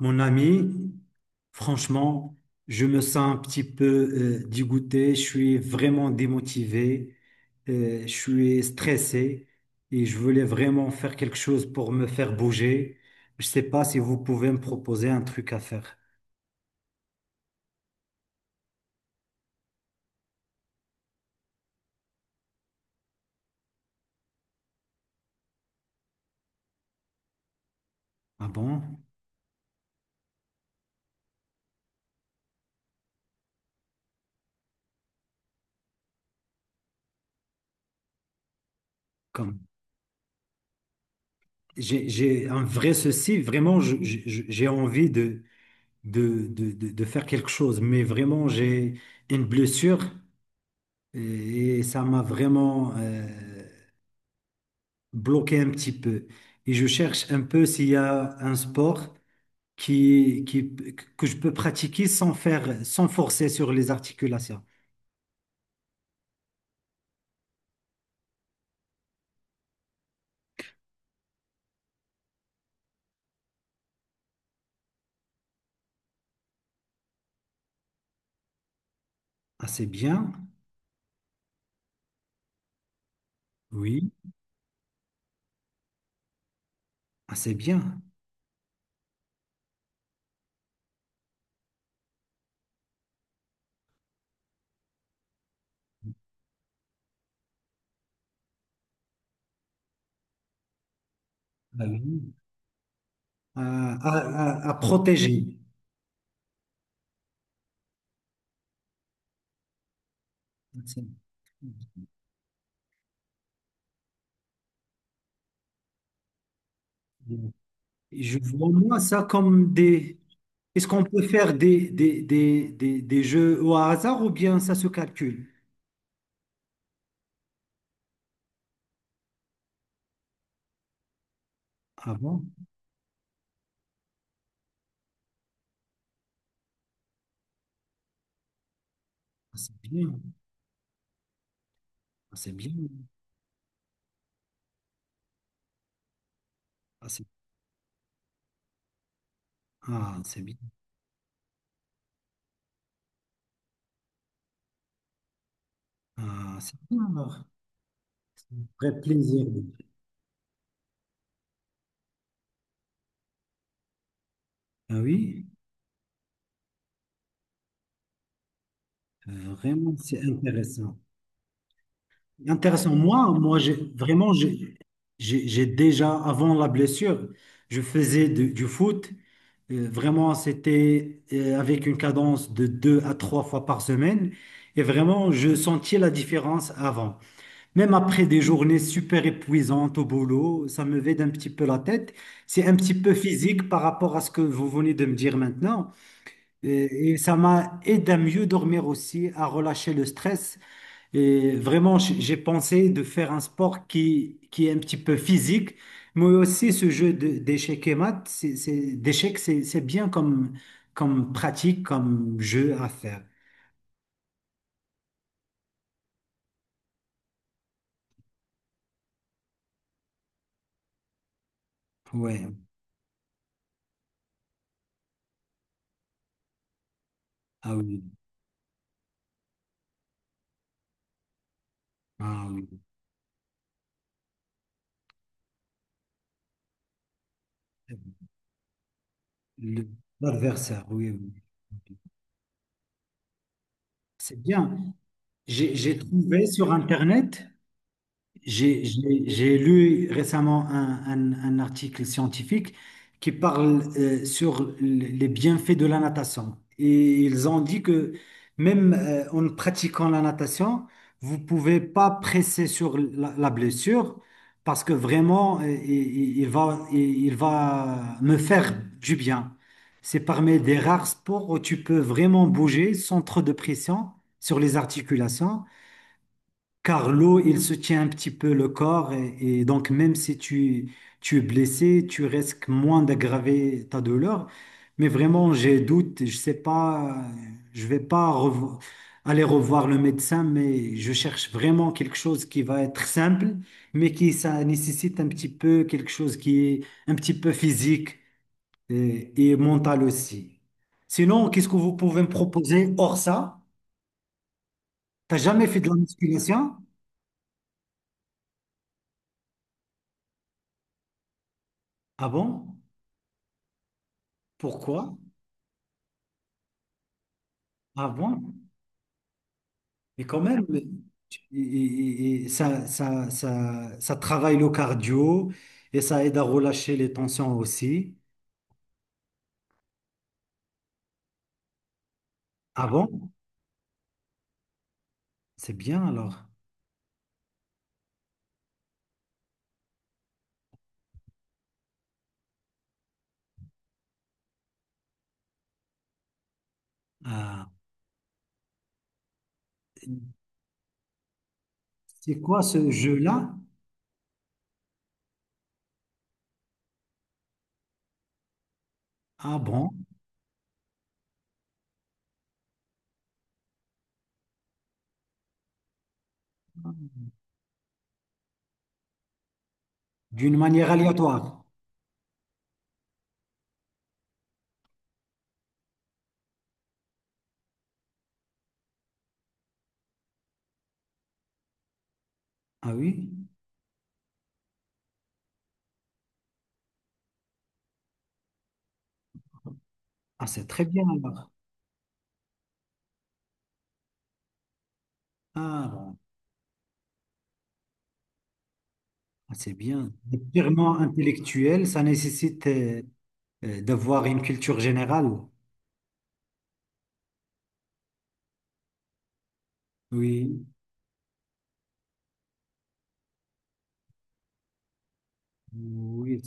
Mon ami, franchement, je me sens un petit peu dégoûté, je suis vraiment démotivé, je suis stressé et je voulais vraiment faire quelque chose pour me faire bouger. Je ne sais pas si vous pouvez me proposer un truc à faire. Ah bon? Comme j'ai un vrai souci, vraiment, j'ai envie de faire quelque chose, mais vraiment, j'ai une blessure et ça m'a vraiment... bloqué un petit peu. Et je cherche un peu s'il y a un sport qui, qui, que je peux pratiquer sans faire, sans forcer sur les articulations. Ah, c'est bien. Oui. Ah, c'est bien. Ah oui. À, à- à protéger. C'est- Je vois moi ça comme des... Est-ce qu'on peut faire des jeux au hasard ou bien ça se calcule? Ah bon? Ah, c'est bien. Ah, c'est bien. Ah, c'est c'est bien. Ah, c'est bien alors. Vrai plaisir, oui. Ah oui, vraiment, c'est intéressant. Intéressant. Moi, j'ai vraiment, j'ai déjà, avant la blessure, je faisais du foot. Vraiment, c'était avec une cadence de deux à trois fois par semaine. Et vraiment, je sentais la différence avant. Même après des journées super épuisantes au boulot, ça me vide un petit peu la tête. C'est un petit peu physique par rapport à ce que vous venez de me dire maintenant. Et ça m'a aidé à mieux dormir aussi, à relâcher le stress. Et vraiment, j'ai pensé de faire un sport qui est un petit peu physique, mais aussi ce d'échecs et maths, d'échecs, c'est bien comme, comme pratique, comme jeu à faire. Ouais. Ah oui. Ah oui. Le- L'adversaire, oui, oui. C'est bien. J'ai trouvé sur Internet. J'ai lu récemment un article scientifique qui parle sur les bienfaits de la natation. Et ils ont dit que même en pratiquant la natation, vous pouvez pas presser sur la blessure parce que vraiment, il va, il va me faire du bien. C'est parmi des rares sports où tu peux vraiment bouger sans trop de pression sur les articulations. Car l'eau, il soutient un petit peu le corps et donc même si tu es blessé, tu risques moins d'aggraver ta douleur. Mais vraiment, j'ai doute, je sais pas, je vais pas revo- aller revoir le médecin, mais je cherche vraiment quelque chose qui va être simple, mais qui ça nécessite un petit peu quelque chose qui est un petit peu physique et mental aussi. Sinon, qu'est-ce que vous pouvez me proposer hors ça? T'as jamais fait de la musculation? Ah bon? Pourquoi? Ah bon? Mais quand même, et ça travaille le cardio et ça aide à relâcher les tensions aussi. Ah bon? C'est bien alors. Ah, c'est quoi ce jeu-là? Ah bon? D'une manière aléatoire. Ah oui? Ah, c'est très bien alors. Ah bon. Ah, c'est bien. C'est purement intellectuel, ça nécessite d'avoir une culture générale. Oui, oui.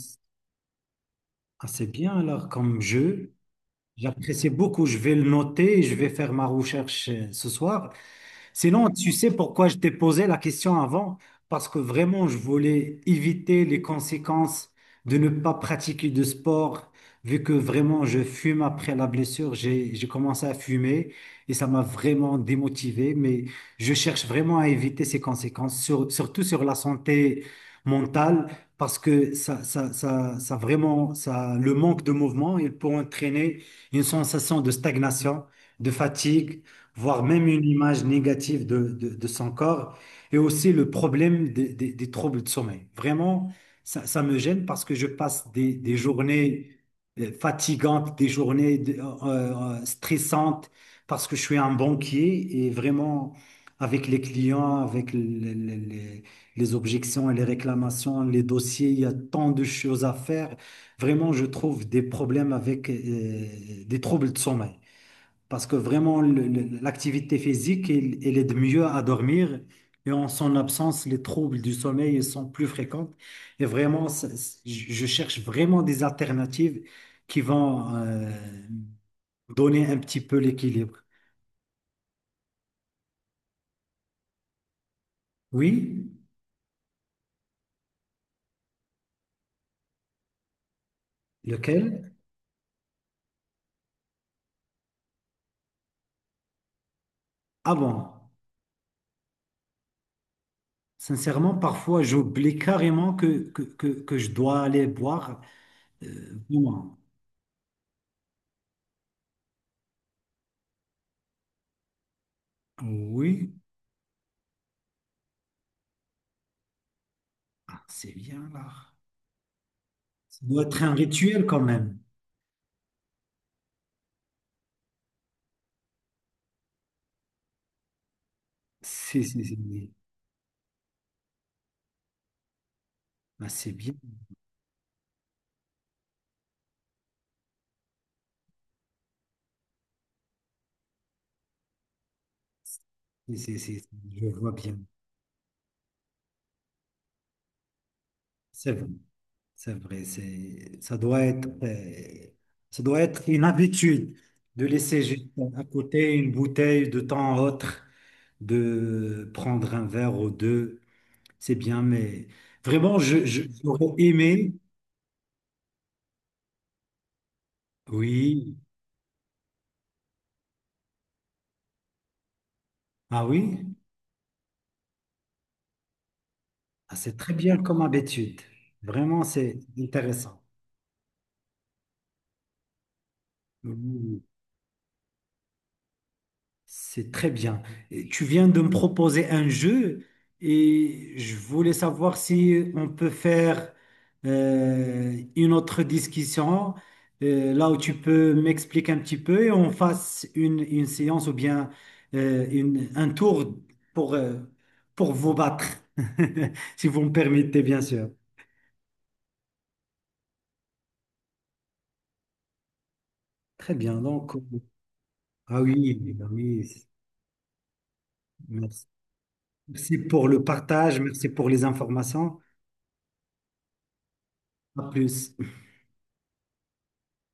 Ah, c'est bien alors comme jeu. J'apprécie beaucoup. Je vais le noter et je vais faire ma recherche ce soir. Sinon, tu sais pourquoi je t'ai posé la question avant? Parce que vraiment, je voulais éviter les conséquences de ne pas pratiquer de sport, vu que vraiment, je fume après la blessure. J'ai commencé à fumer et ça m'a vraiment démotivé, mais je cherche vraiment à éviter ces conséquences, surtout sur la santé mentale, parce que le manque de mouvement, il peut entraîner une sensation de stagnation, de fatigue, voire même une image négative de son corps, et aussi le problème des troubles de sommeil. Vraiment, ça me gêne parce que je passe des journées fatigantes, des journées stressantes, parce que je suis un banquier et vraiment, avec les clients, avec les- les- les objections et les réclamations, les dossiers, il y a tant de choses à faire. Vraiment, je trouve des problèmes avec des troubles de sommeil. Parce que vraiment, l'activité physique, elle, elle aide mieux à dormir. Et en son absence, les troubles du sommeil sont plus fréquents. Et vraiment, je cherche vraiment des alternatives qui vont donner un petit peu l'équilibre. Oui, lequel? Ah bon, sincèrement, parfois, j'oublie carrément que je dois aller boire. Bon, oui. Ah, c'est bien là. Ça doit être un rituel quand même. Si, si, si, oui. Ah, c'est bien. C'est- c'est- c'est- je vois bien. C'est vrai, c'est vrai. C'est, ça doit être une habitude de laisser juste à côté une bouteille de temps à autre, de prendre un verre ou deux. C'est bien, mais vraiment, j'aurais aimé. Oui. Ah oui? Ah, c'est très bien comme habitude. Vraiment, c'est intéressant. Oui. C'est très bien. Et tu viens de me proposer un jeu et je voulais savoir si on peut faire une autre discussion là où tu peux m'expliquer un petit peu et on fasse une séance ou bien un tour pour, euh, pour vous battre, si vous me permettez, bien sûr. Très bien. Donc, ah oui, ah oui, merci. Merci pour le partage, merci pour les informations. À plus.